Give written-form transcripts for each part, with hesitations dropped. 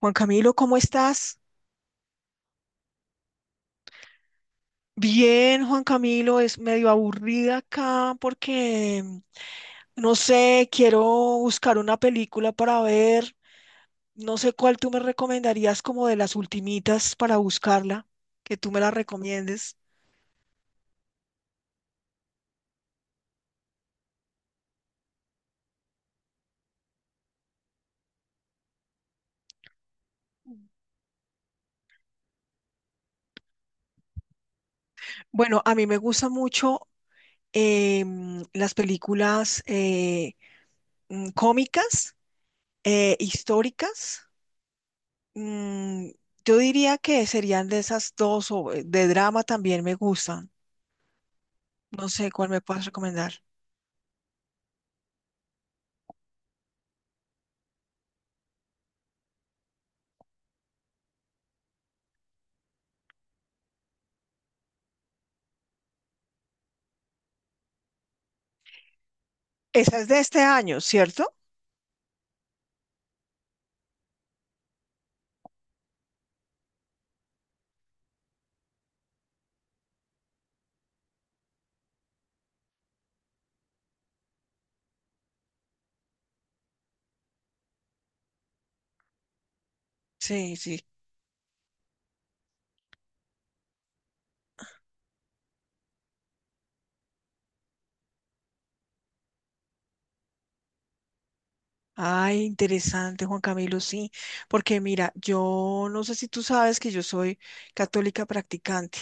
Juan Camilo, ¿cómo estás? Bien, Juan Camilo, es medio aburrida acá porque, no sé, quiero buscar una película para ver. No sé cuál tú me recomendarías como de las ultimitas para buscarla, que tú me la recomiendes. Bueno, a mí me gustan mucho las películas cómicas, históricas. Mm, yo diría que serían de esas dos, o de drama también me gustan. No sé cuál me puedas recomendar. Esa es de este año, ¿cierto? Sí, sí. Ay, interesante, Juan Camilo, sí, porque mira, yo no sé si tú sabes que yo soy católica practicante,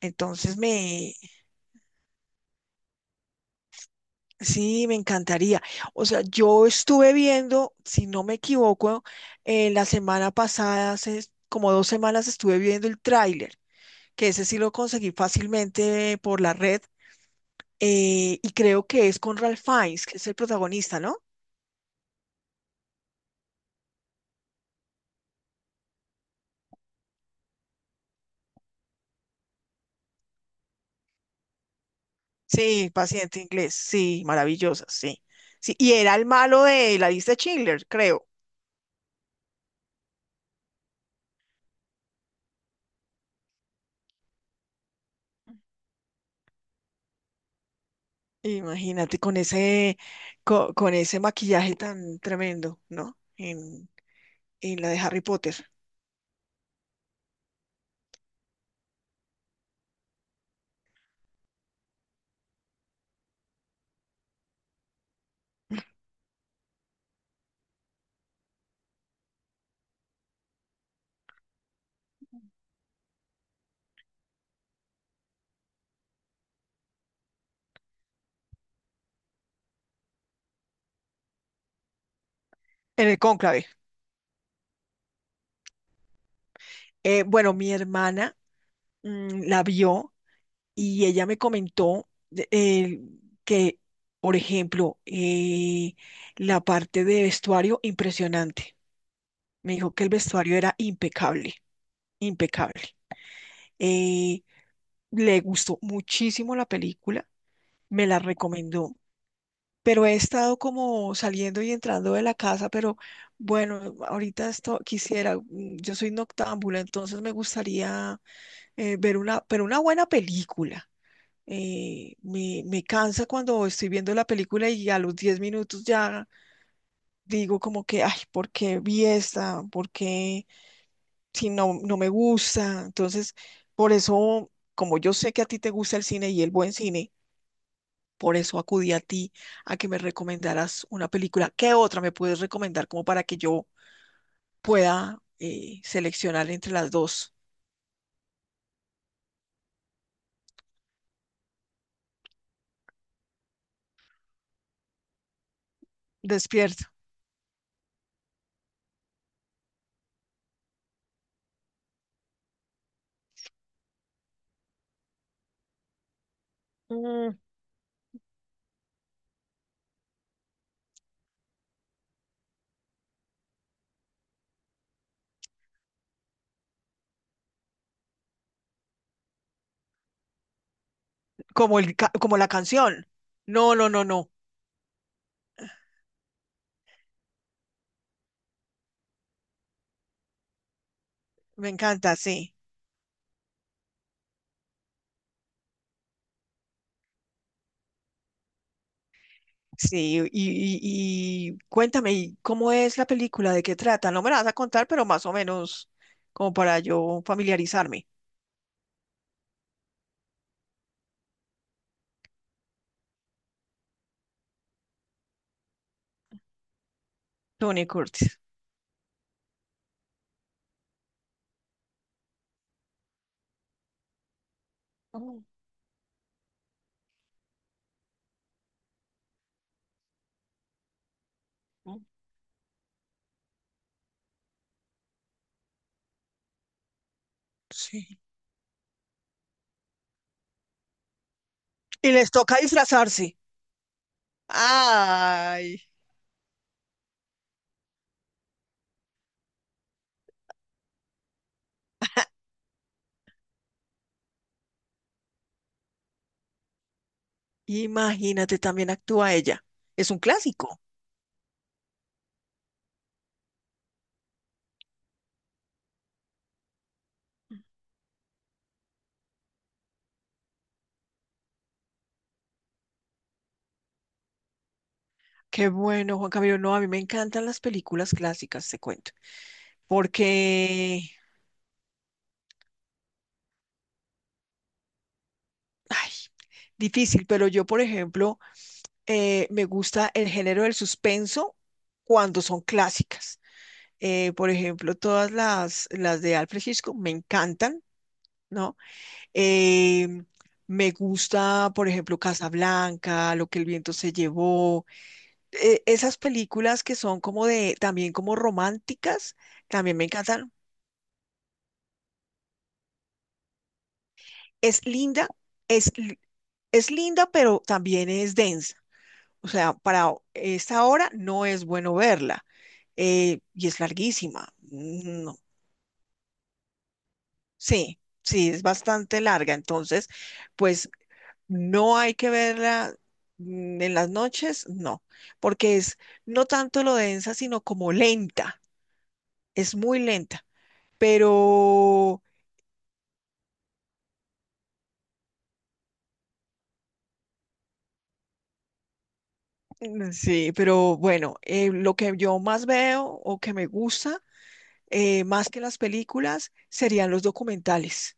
entonces me, sí, me encantaría. O sea, yo estuve viendo, si no me equivoco, la semana pasada, hace como 2 semanas estuve viendo el tráiler, que ese sí lo conseguí fácilmente por la red, y creo que es con Ralph Fiennes, que es el protagonista, ¿no? Sí, paciente inglés, sí, maravillosa, sí. Sí, y era el malo de la lista de Schindler, creo. Imagínate con ese, ese maquillaje tan tremendo, ¿no? En la de Harry Potter, en el cónclave. Bueno, mi hermana la vio y ella me comentó que, por ejemplo, la parte de vestuario, impresionante. Me dijo que el vestuario era impecable, impecable. Eh, le gustó muchísimo la película, me la recomendó, pero he estado como saliendo y entrando de la casa, pero bueno, ahorita esto quisiera, mm, yo soy noctámbula, entonces me gustaría ver una, pero una buena película. Me cansa cuando estoy viendo la película y a los 10 minutos ya digo como que, ay, ¿por qué vi esta? ¿Por qué? Si no, no me gusta. Entonces, por eso, como yo sé que a ti te gusta el cine y el buen cine, por eso acudí a ti a que me recomendaras una película. ¿Qué otra me puedes recomendar como para que yo pueda seleccionar entre las dos? Despierto. Mm, como como la canción. No, no, no, no. Me encanta, sí. Sí, y cuéntame, ¿cómo es la película? ¿De qué trata? No me la vas a contar, pero más o menos como para yo familiarizarme. Tony Curtis. Oh, oh. Sí. Y les toca disfrazarse. Ay, imagínate, también actúa ella. Es un clásico. Qué bueno, Juan Camilo. No, a mí me encantan las películas clásicas, te cuento. Porque, ay, difícil, pero yo, por ejemplo, me gusta el género del suspenso cuando son clásicas. Por ejemplo, todas las de Alfred Hitchcock me encantan, ¿no? Eh, me gusta, por ejemplo, Casablanca, Lo que el viento se llevó. Esas películas que son como de, también como románticas, también me encantan. Es linda, es, li- es linda, pero también es densa. O sea, para esta hora no es bueno verla. Y es larguísima. No. Sí, sí, es bastante larga. Entonces, pues no hay que verla, mm, en las noches, no, porque es no tanto lo densa, sino como lenta. Es muy lenta, pero mm, sí, pero bueno, lo que yo más veo o que me gusta, más que las películas, serían los documentales.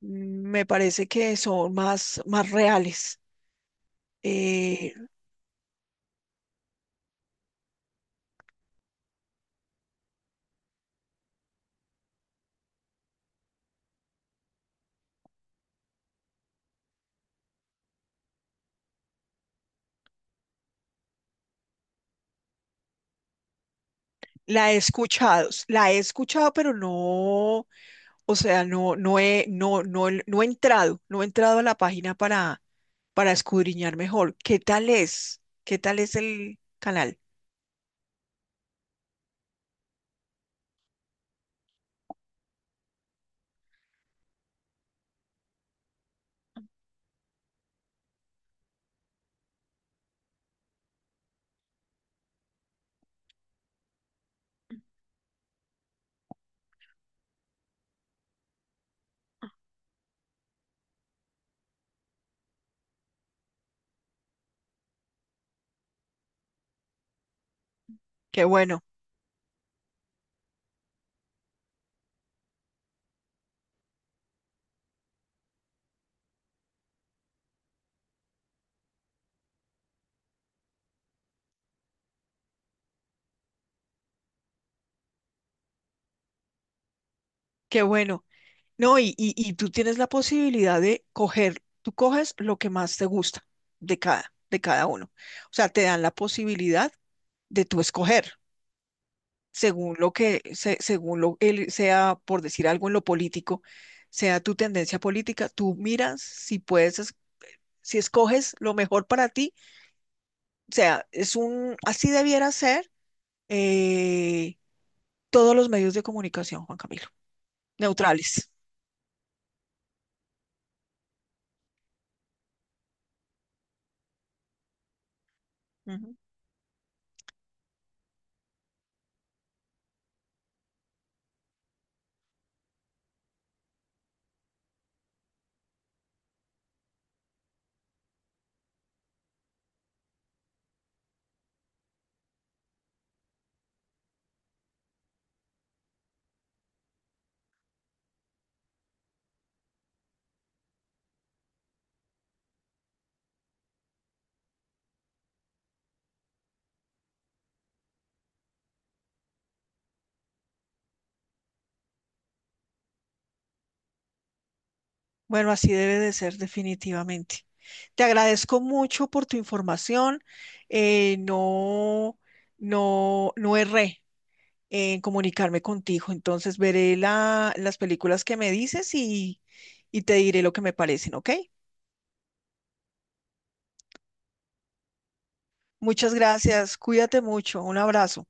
Mm. Me parece que son más, más reales. Eh, la he escuchado, pero no. O sea, no he entrado, no he entrado a la página para escudriñar mejor. ¿Qué tal es? ¿Qué tal es el canal? Qué bueno, qué bueno. No, y tú tienes la posibilidad de coger, tú coges lo que más te gusta de cada uno. O sea, te dan la posibilidad de tú escoger según según lo él sea, por decir algo en lo político, sea tu tendencia política, tú miras si puedes, si escoges lo mejor para ti. O sea, es un, así debiera ser eh, todos los medios de comunicación, Juan Camilo, neutrales. Ujú. Bueno, así debe de ser definitivamente. Te agradezco mucho por tu información. eh, no, no, no erré en comunicarme contigo. Entonces veré las películas que me dices y te diré lo que me parecen, ¿ok? Muchas gracias. Cuídate mucho. Un abrazo.